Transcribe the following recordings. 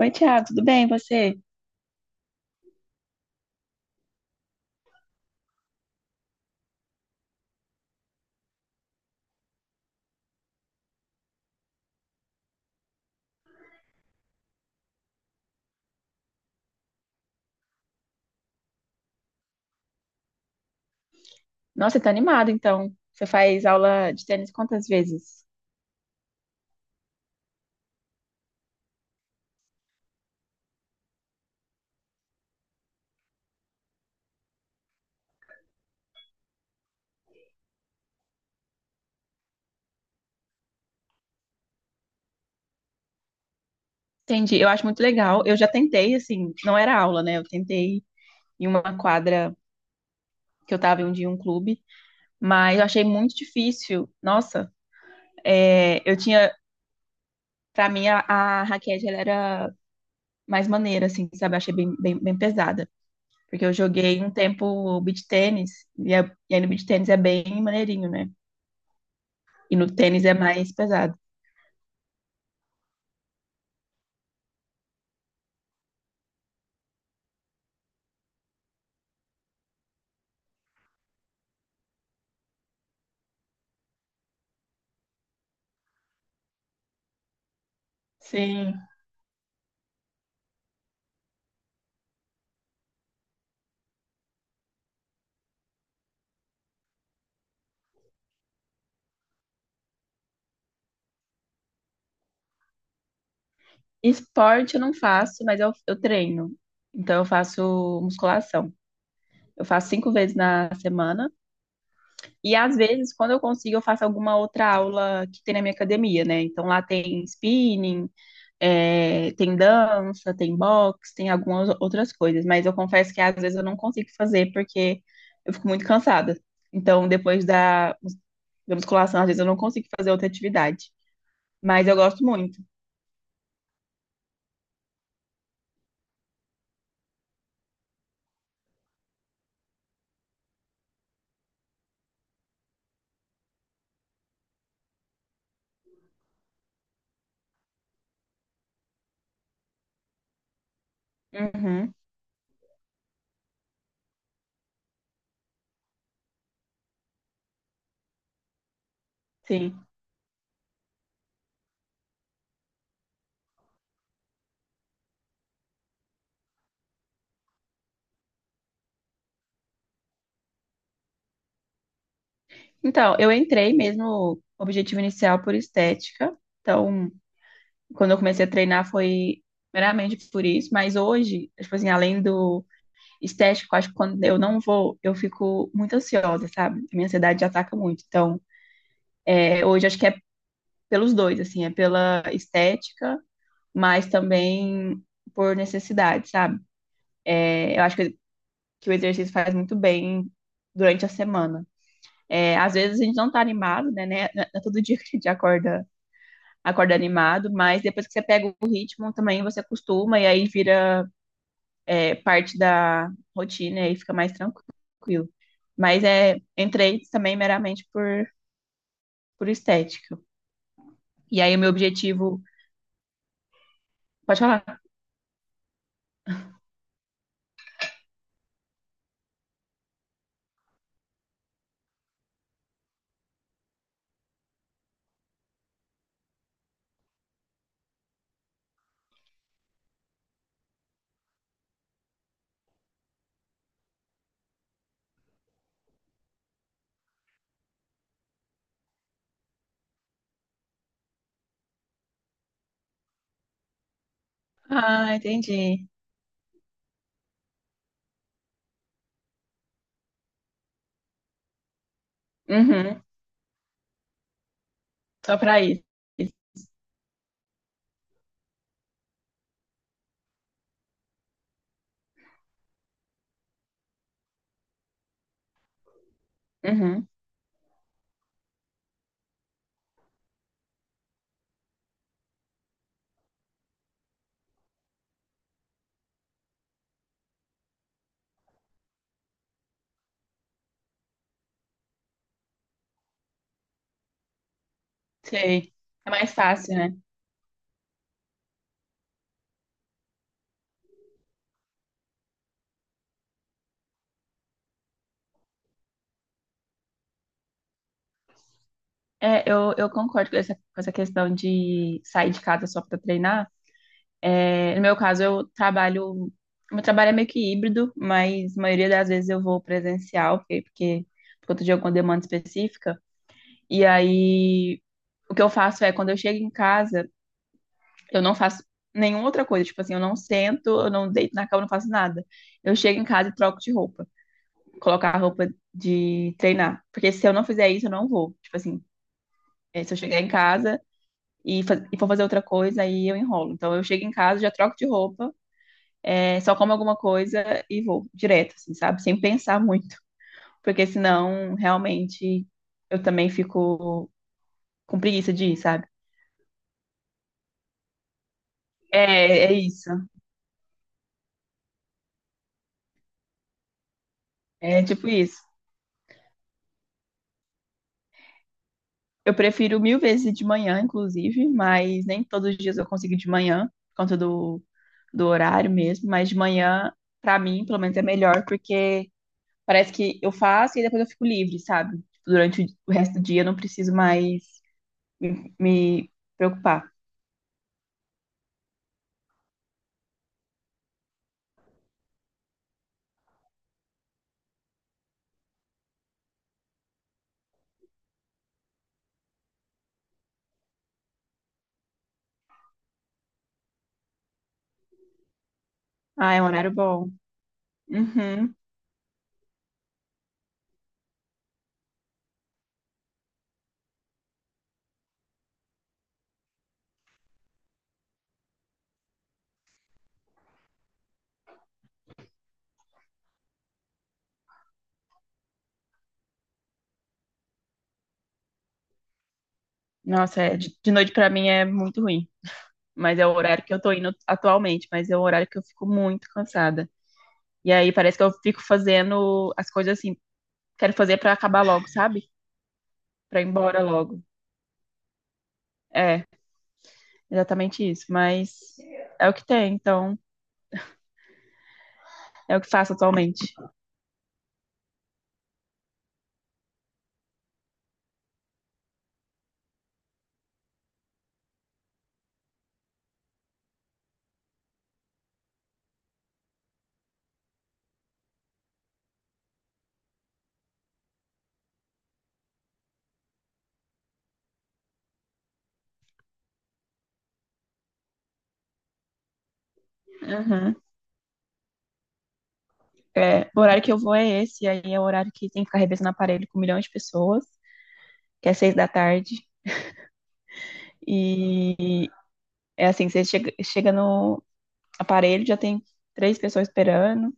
Oi, Thiago, tudo bem? E você? Nossa, você tá animado, então. Você faz aula de tênis quantas vezes? Entendi, eu acho muito legal. Eu já tentei, assim, não era aula, né? Eu tentei em uma quadra que eu tava em um dia em um clube, mas eu achei muito difícil. Nossa, é, eu tinha, pra mim, a raquete, ela era mais maneira, assim, sabe? Eu achei bem, bem, bem pesada. Porque eu joguei um tempo beach tênis, e aí no beach tênis é bem maneirinho, né? E no tênis é mais pesado. Sim. Esporte eu não faço, mas eu treino. Então eu faço musculação. Eu faço 5 vezes na semana. E às vezes, quando eu consigo, eu faço alguma outra aula que tem na minha academia, né? Então lá tem spinning, é, tem dança, tem boxe, tem algumas outras coisas, mas eu confesso que às vezes eu não consigo fazer porque eu fico muito cansada. Então, depois da musculação, às vezes eu não consigo fazer outra atividade, mas eu gosto muito. Uhum, sim. Então, eu entrei mesmo, objetivo inicial por estética. Então, quando eu comecei a treinar foi meramente por isso, mas hoje, tipo assim, além do estético, acho que quando eu não vou, eu fico muito ansiosa, sabe? Minha ansiedade ataca muito. Então, é, hoje acho que é pelos dois, assim, é pela estética, mas também por necessidade, sabe? É, eu acho que o exercício faz muito bem durante a semana. É, às vezes a gente não tá animado, né? Não é todo dia que a gente acorda animado, mas depois que você pega o ritmo também, você acostuma e aí vira, é, parte da rotina e fica mais tranquilo. Mas é, entrei também meramente por estética. E aí o meu objetivo. Pode falar? Ah, entendi. Uhum, só pra isso. Uhum, sei. É mais fácil, né? É, eu concordo com com essa questão de sair de casa só pra treinar. É, no meu caso, eu trabalho. Meu trabalho é meio que híbrido, mas a maioria das vezes eu vou presencial, porque por conta de alguma demanda específica. E aí, o que eu faço é, quando eu chego em casa, eu não faço nenhuma outra coisa. Tipo assim, eu não sento, eu não deito na cama, eu não faço nada. Eu chego em casa e troco de roupa. Colocar a roupa de treinar. Porque se eu não fizer isso, eu não vou. Tipo assim, é, se eu chegar em casa e for fazer outra coisa, aí eu enrolo. Então eu chego em casa, já troco de roupa, é, só como alguma coisa e vou direto, assim, sabe? Sem pensar muito. Porque senão, realmente, eu também fico com preguiça de ir, sabe? É, é isso. É tipo isso. Eu prefiro mil vezes de manhã, inclusive, mas nem todos os dias eu consigo ir de manhã, por conta do horário mesmo. Mas de manhã, pra mim, pelo menos é melhor, porque parece que eu faço e depois eu fico livre, sabe? Durante o resto do dia eu não preciso mais me preocupar. Ah, é um horário bom. Uhum. Nossa, é, de noite pra mim é muito ruim. Mas é o horário que eu tô indo atualmente, mas é o horário que eu fico muito cansada. E aí parece que eu fico fazendo as coisas assim quero fazer pra acabar logo, sabe? Pra ir embora logo. É, exatamente isso. Mas é o que tem, então é o que faço atualmente. Uhum. É, o horário que eu vou é esse, aí é o horário que tem que ficar revezando aparelho com milhões de pessoas, que é 6 da tarde. E é assim, você chega no aparelho, já tem três pessoas esperando.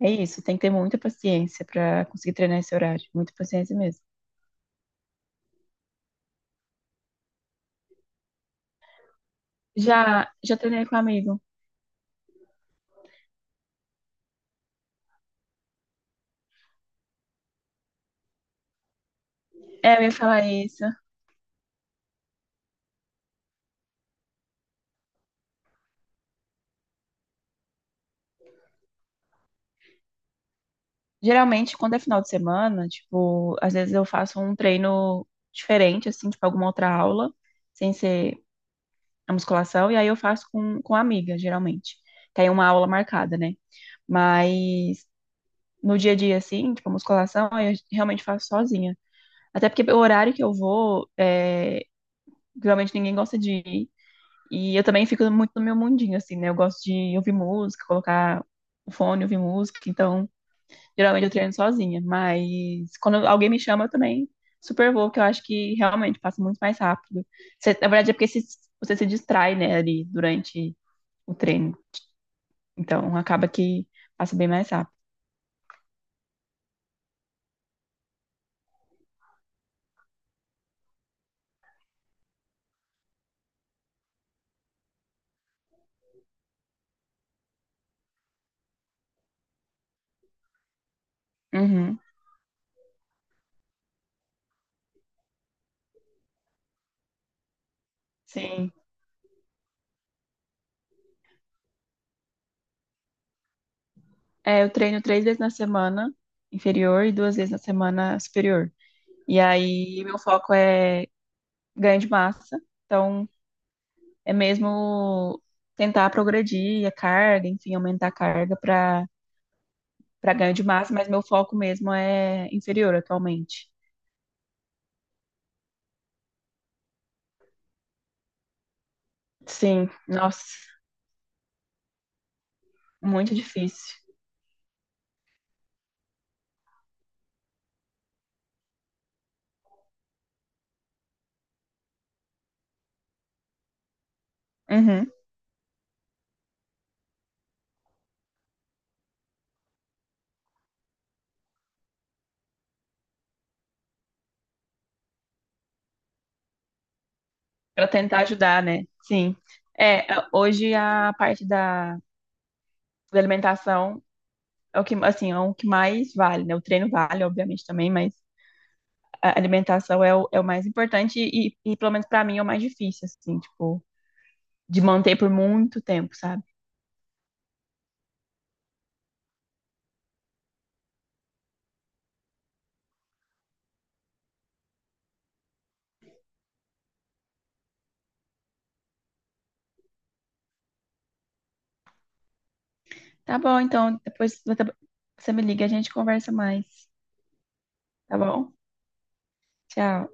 É isso, tem que ter muita paciência pra conseguir treinar esse horário. Muita paciência mesmo. Já treinei com um amigo. É, eu ia falar isso. Geralmente, quando é final de semana, tipo, às vezes eu faço um treino diferente, assim, tipo, alguma outra aula, sem ser a musculação, e aí eu faço com amiga, geralmente. Tem uma aula marcada, né? Mas no dia a dia, assim, tipo, a musculação, aí eu realmente faço sozinha. Até porque o horário que eu vou, é, geralmente ninguém gosta de ir. E eu também fico muito no meu mundinho, assim, né? Eu gosto de ouvir música, colocar o fone, ouvir música, então. Geralmente eu treino sozinha, mas quando alguém me chama, eu também super vou, que eu acho que realmente passa muito mais rápido. Na verdade, é porque você se distrai, né, ali durante o treino. Então, acaba que passa bem mais rápido. Uhum, sim. É, eu treino 3 vezes na semana inferior e 2 vezes na semana superior. E aí, meu foco é ganho de massa. Então, é mesmo tentar progredir a carga, enfim, aumentar a carga para ganho de massa, mas meu foco mesmo é inferior atualmente. Sim, nossa, muito difícil. Uhum. Para tentar ajudar, né? Sim. É, hoje a parte da alimentação é o que, assim, é o que mais vale, né? O treino vale, obviamente, também, mas a alimentação é o, mais importante e pelo menos para mim, é o mais difícil, assim, tipo, de manter por muito tempo, sabe? Tá bom, então, depois você me liga, a gente conversa mais, tá bom? Tchau.